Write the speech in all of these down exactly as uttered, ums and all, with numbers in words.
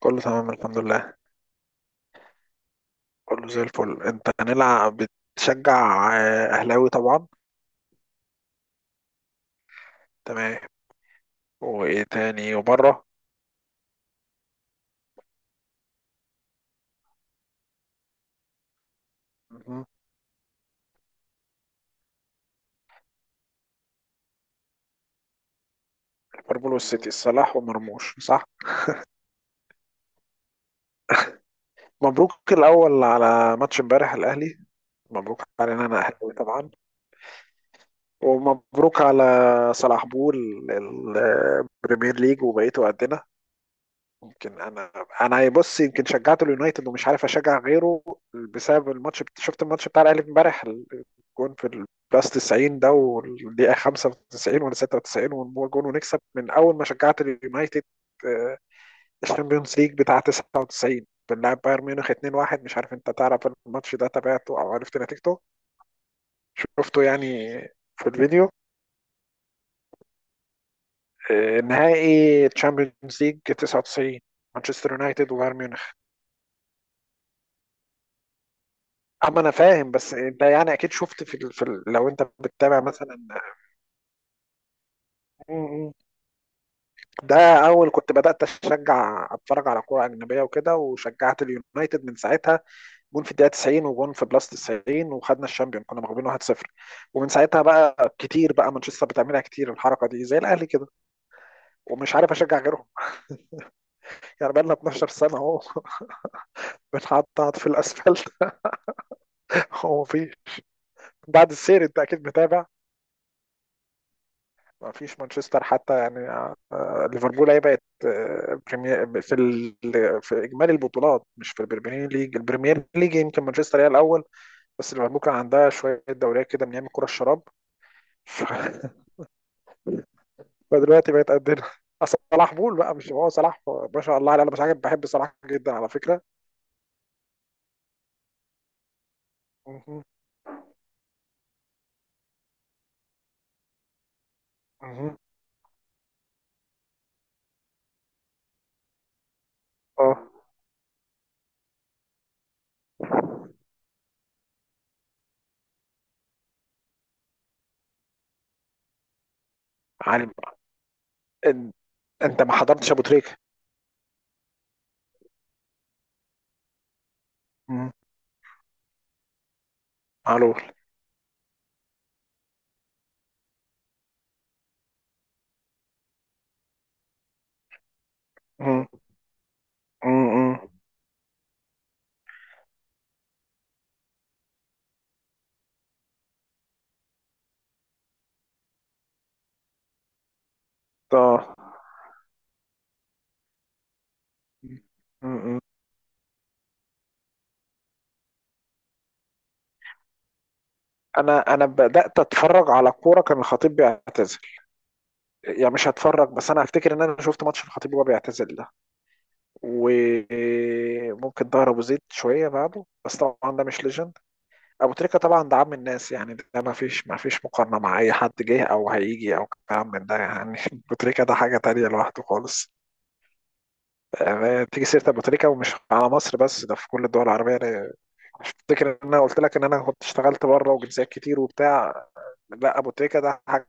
كله تمام الحمد لله. كله زي الفل. انت هنلعب؟ بتشجع آه، اهلاوي طبعا. تمام. وايه تاني وبره؟ مهم. ليفربول والسيتي، صلاح ومرموش صح؟ مبروك الاول على ماتش امبارح الاهلي. مبروك علينا، انا اهلاوي طبعا. ومبروك على صلاح بول ال- البريمير ليج وبقيته قدنا. يمكن انا انا بص، يمكن شجعت اليونايتد ومش عارف اشجع غيره بسبب الماتش. بت- شفت الماتش بتاع الاهلي امبارح، الجون في البلاس تسعين ده والدقيقه خمسة وتسعين ولا ستة وتسعين ونجيب جون ونكسب. من اول ما شجعت اليونايتد، آه، الشامبيونز ليج بتاع تسع وتسعين، بنلعب بايرن ميونخ اتنين واحد. مش عارف انت تعرف الماتش ده، تابعته او عرفت نتيجته؟ شفته يعني في الفيديو؟ آه، نهائي تشامبيونز ليج تسعة وتسعين، مانشستر يونايتد وبايرن ميونخ. اما انا فاهم، بس انت يعني اكيد شفت في, ال... في ال... لو انت بتتابع مثلا. م- م. ده اول كنت بدات اشجع اتفرج على كوره اجنبيه وكده، وشجعت اليونايتد من ساعتها. جون في الدقيقه تسعين، وجون في بلس تسعين، وخدنا الشامبيون، كنا مغلوبين واحد صفر. ومن ساعتها بقى كتير بقى، مانشستر بتعملها كتير الحركه دي زي الاهلي كده، ومش عارف اشجع غيرهم. يعني بقى لنا اتناشر سنه اهو. بنحطط في الاسفلت. هو في بعد السير انت اكيد متابع، ما فيش مانشستر حتى يعني. آه، ليفربول هي بقت آه، بريمير في ال... في اجمالي البطولات، مش في البريمير ليج. البريمير ليج يمكن مانشستر هي الاول، بس ليفربول كان عندها شويه دوريات كده من ايام الكره الشراب. ف- فدلوقتي بقت قدنا. أصل صلاح بول بقى، مش هو صلاح، ما شاء الله عليه. انا بس حاجه بحب صلاح جدا على فكره. مهم. مهم. اه، عالم. إن- انت ما حضرتش ابو تريكه. مهم. معلول. مهم. مهم. اه. انا انا بدات اتفرج على كوره كان الخطيب بيعتزل، يعني مش هتفرج. بس انا هفتكر ان انا شفت ماتش الخطيب وهو بيعتزل ده، وممكن ظهر ابو زيد شويه بعده، بس طبعا ده مش ليجند. ابو تريكه طبعا ده عم الناس يعني، ده ما فيش ما فيش مقارنه مع اي حد جه او هيجي او كلام من ده يعني. ابو تريكه ده حاجه تانية لوحده خالص. يعني تيجي سيره ابو تريكه، ومش على مصر بس، ده في كل الدول العربيه. أنا افتكر ان انا قلت لك ان انا كنت اشتغلت بره وجنسيات كتير وبتاع. لا، ابو تريكه ده حاجه،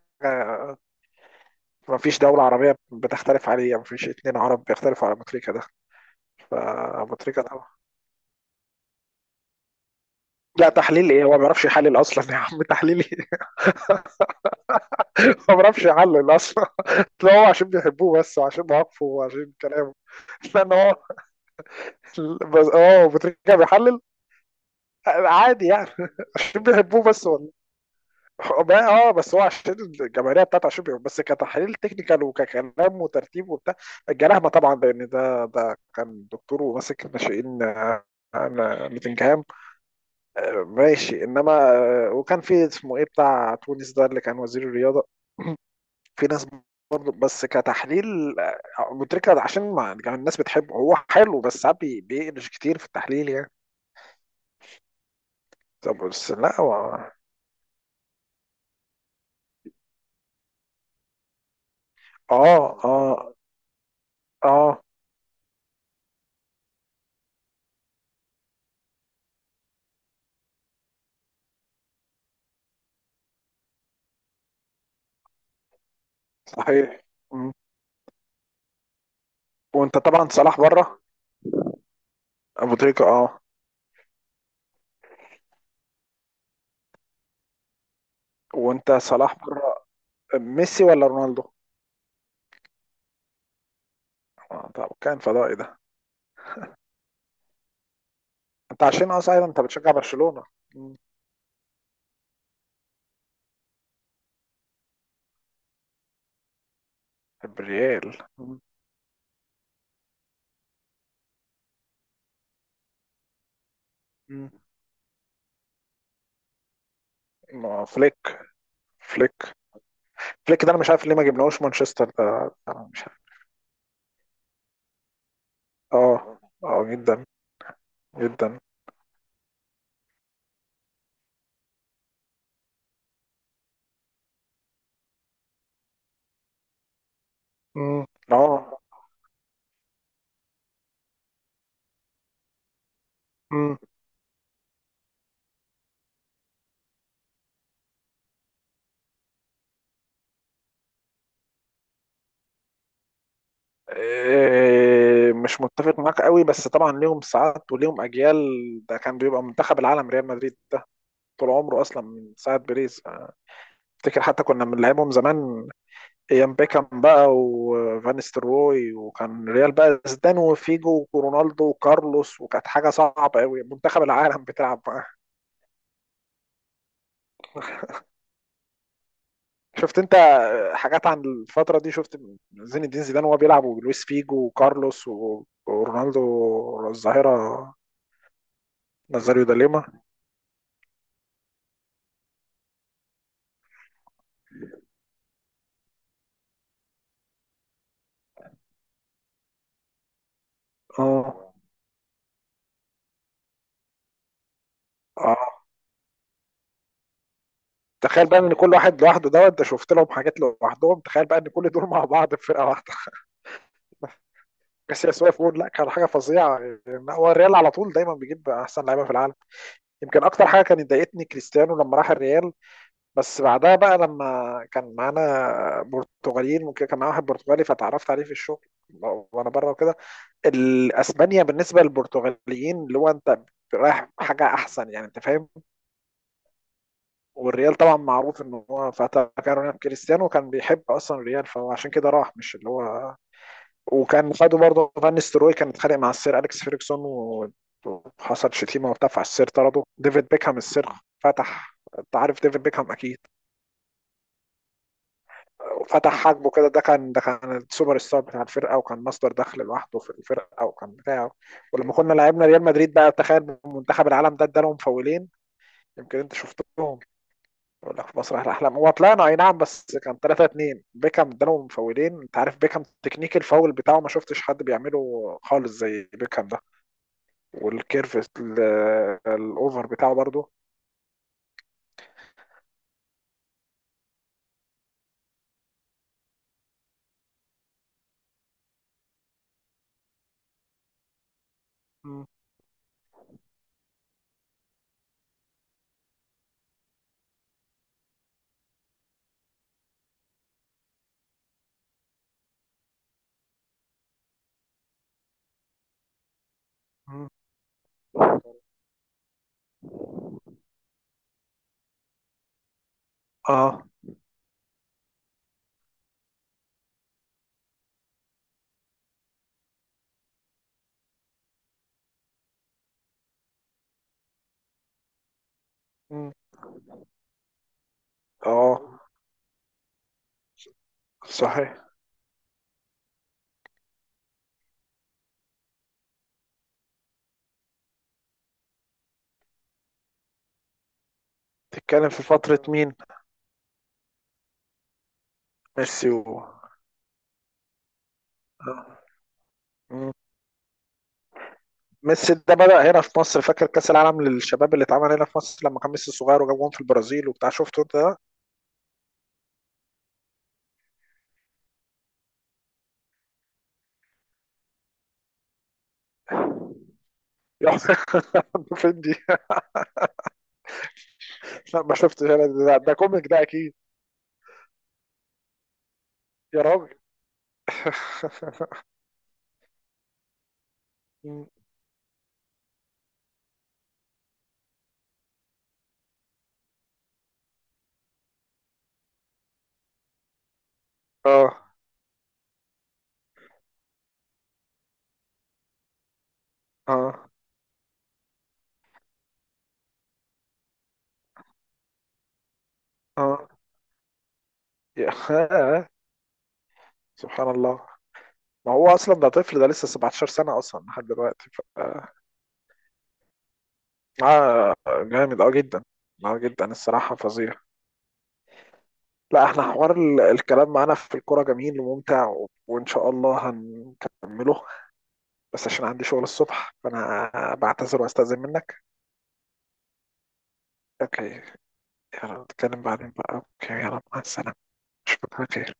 ما فيش دولة عربية بتختلف عليه، ما فيش اتنين عرب بيختلفوا على أبو تريكة ده. فأبو تريكة ده، لا تحليل ايه، هو ما بيعرفش يحلل اصلا يا عم، تحليل ايه. هو ما بيعرفش يحلل اصلا. لا، هو عشان بيحبوه بس، وعشان مواقفه وعشان كلامه. لان هو، بس اه أبو تريكة بيحلل عادي يعني. عشان بيحبوه بس والله. ما- اه بس هو عشان الجماهيريه بتاعته، عشان بيحبوه بس، كتحليل تكنيكال وككلام وترتيب وبتاع الجلاهمه طبعا. لان ده ده كان دكتور وماسك الناشئين، آه، آه، نوتنجهام. ماشي، انما آه، وكان في اسمه ايه بتاع تونس ده اللي كان وزير الرياضه. في ناس برضه، بس كتحليل، آه، متركه، عشان ما يعني الناس بتحبه، هو حلو بس ساعات بي- بيقلش كتير في التحليل يعني. طب بس لا هو. اه، اه، اه، صحيح. مم. وانت طبعا صلاح بره. ابو تريكه، اه. وانت صلاح بره. ميسي ولا رونالدو؟ آه، طب كان فضائي ده. انت عشان اصلا انت بتشجع برشلونه. مم. الريال. مم. مم. ما فليك. فليك. فليك ده انا مش عارف ليه ما جبناهوش مانشستر ده، أنا مش عارف. اه، اه جدا، جدا. امم اه. امم إيه، مش متفق معاك قوي، بس طبعا ليهم ساعات وليهم اجيال. ده كان بيبقى منتخب العالم ريال مدريد ده، طول عمره اصلا من ساعه بيريز. أنا افتكر حتى كنا بنلعبهم زمان، ايام بيكام بقى وفان ستروي، وكان ريال بقى زيدان وفيجو ورونالدو وكارلوس، وكانت حاجه صعبه قوي، منتخب العالم بتلعب. شفت انت حاجات عن الفترة دي؟ شفت زين الدين زيدان وهو بيلعب، ولويس فيجو، وكارلوس، و- ورونالدو الظاهرة نازاريو دا ليما. اه، اه. تخيل بقى ان كل واحد لوحده دوت، ده شفت لهم حاجات لوحدهم، تخيل بقى ان كل دول مع بعض في فرقة واحدة. كاسياس واقف يقول لا، كان حاجة فظيعة. يعني هو الريال على طول دايما بيجيب احسن لعيبة في العالم. يمكن اكتر حاجة كانت ضايقتني كريستيانو لما راح الريال. بس بعدها بقى لما كان معانا برتغاليين وكده، كان معانا واحد برتغالي فتعرفت عليه في الشغل وانا بره وكده. الاسبانيا بالنسبه للبرتغاليين اللي هو انت رايح حاجه احسن يعني، انت فاهم. والريال طبعا معروف ان هو فتى، كان رونالدو كريستيانو كان بيحب اصلا الريال، فهو عشان كده راح، مش اللي هو. وكان خده برضه، فان ستروي كان اتخانق مع السير اليكس فيرجسون و- وحصل شتيمه وبتاع، فالسير طرده ديفيد بيكهام السير. فتح، انت عارف ديفيد بيكهام اكيد، وفتح حاجبه كده. ده كان ده كان السوبر ستار بتاع الفرقه، وكان مصدر دخل لوحده في الفرقه، وكان بتاعه. ولما كنا لعبنا ريال مدريد بقى، تخيل منتخب العالم ده ادالهم فاولين. يمكن انت شفتهم، يقول لك في مسرح الاحلام، هو طلعنا اي نعم بس كان ثلاثة اتنين، بيكام ادالهم فاولين. انت عارف بيكام تكنيك الفاول بتاعه ما شفتش حد بيعمله خالص زي بيكام ده، والكيرف ال- الاوفر بتاعه برضه. مم. مم. اه. مم. اه، صحيح. تتكلم في فترة مين؟ ميسي و... آه. مم. ميسي ده بدأ هنا في مصر، فاكر كأس العالم للشباب اللي اتعمل هنا في مصر لما كان ميسي صغير وجاب جون في البرازيل وبتاع، شفته انت ده؟ يا. فين دي؟ لا ما شفتش انا ده, ده, كوميك ده اكيد. يا راجل. مم. اه، اه، اه. يا. آه. سبحان الله، ما هو اصلا ده طفل، ده لسه سبعتاشر سنة اصلا لحد دلوقتي ف... آه. آه، جامد اه جدا، اه جدا الصراحة، فظيع. لا احنا حوار ال- الكلام معانا في الكوره جميل وممتع و- وان شاء الله هنكمله، بس عشان عندي شغل الصبح فانا بعتذر واستأذن منك. اوكي. يلا نتكلم بعدين بقى. اوكي. يلا مع السلامة. اشوفك على خير.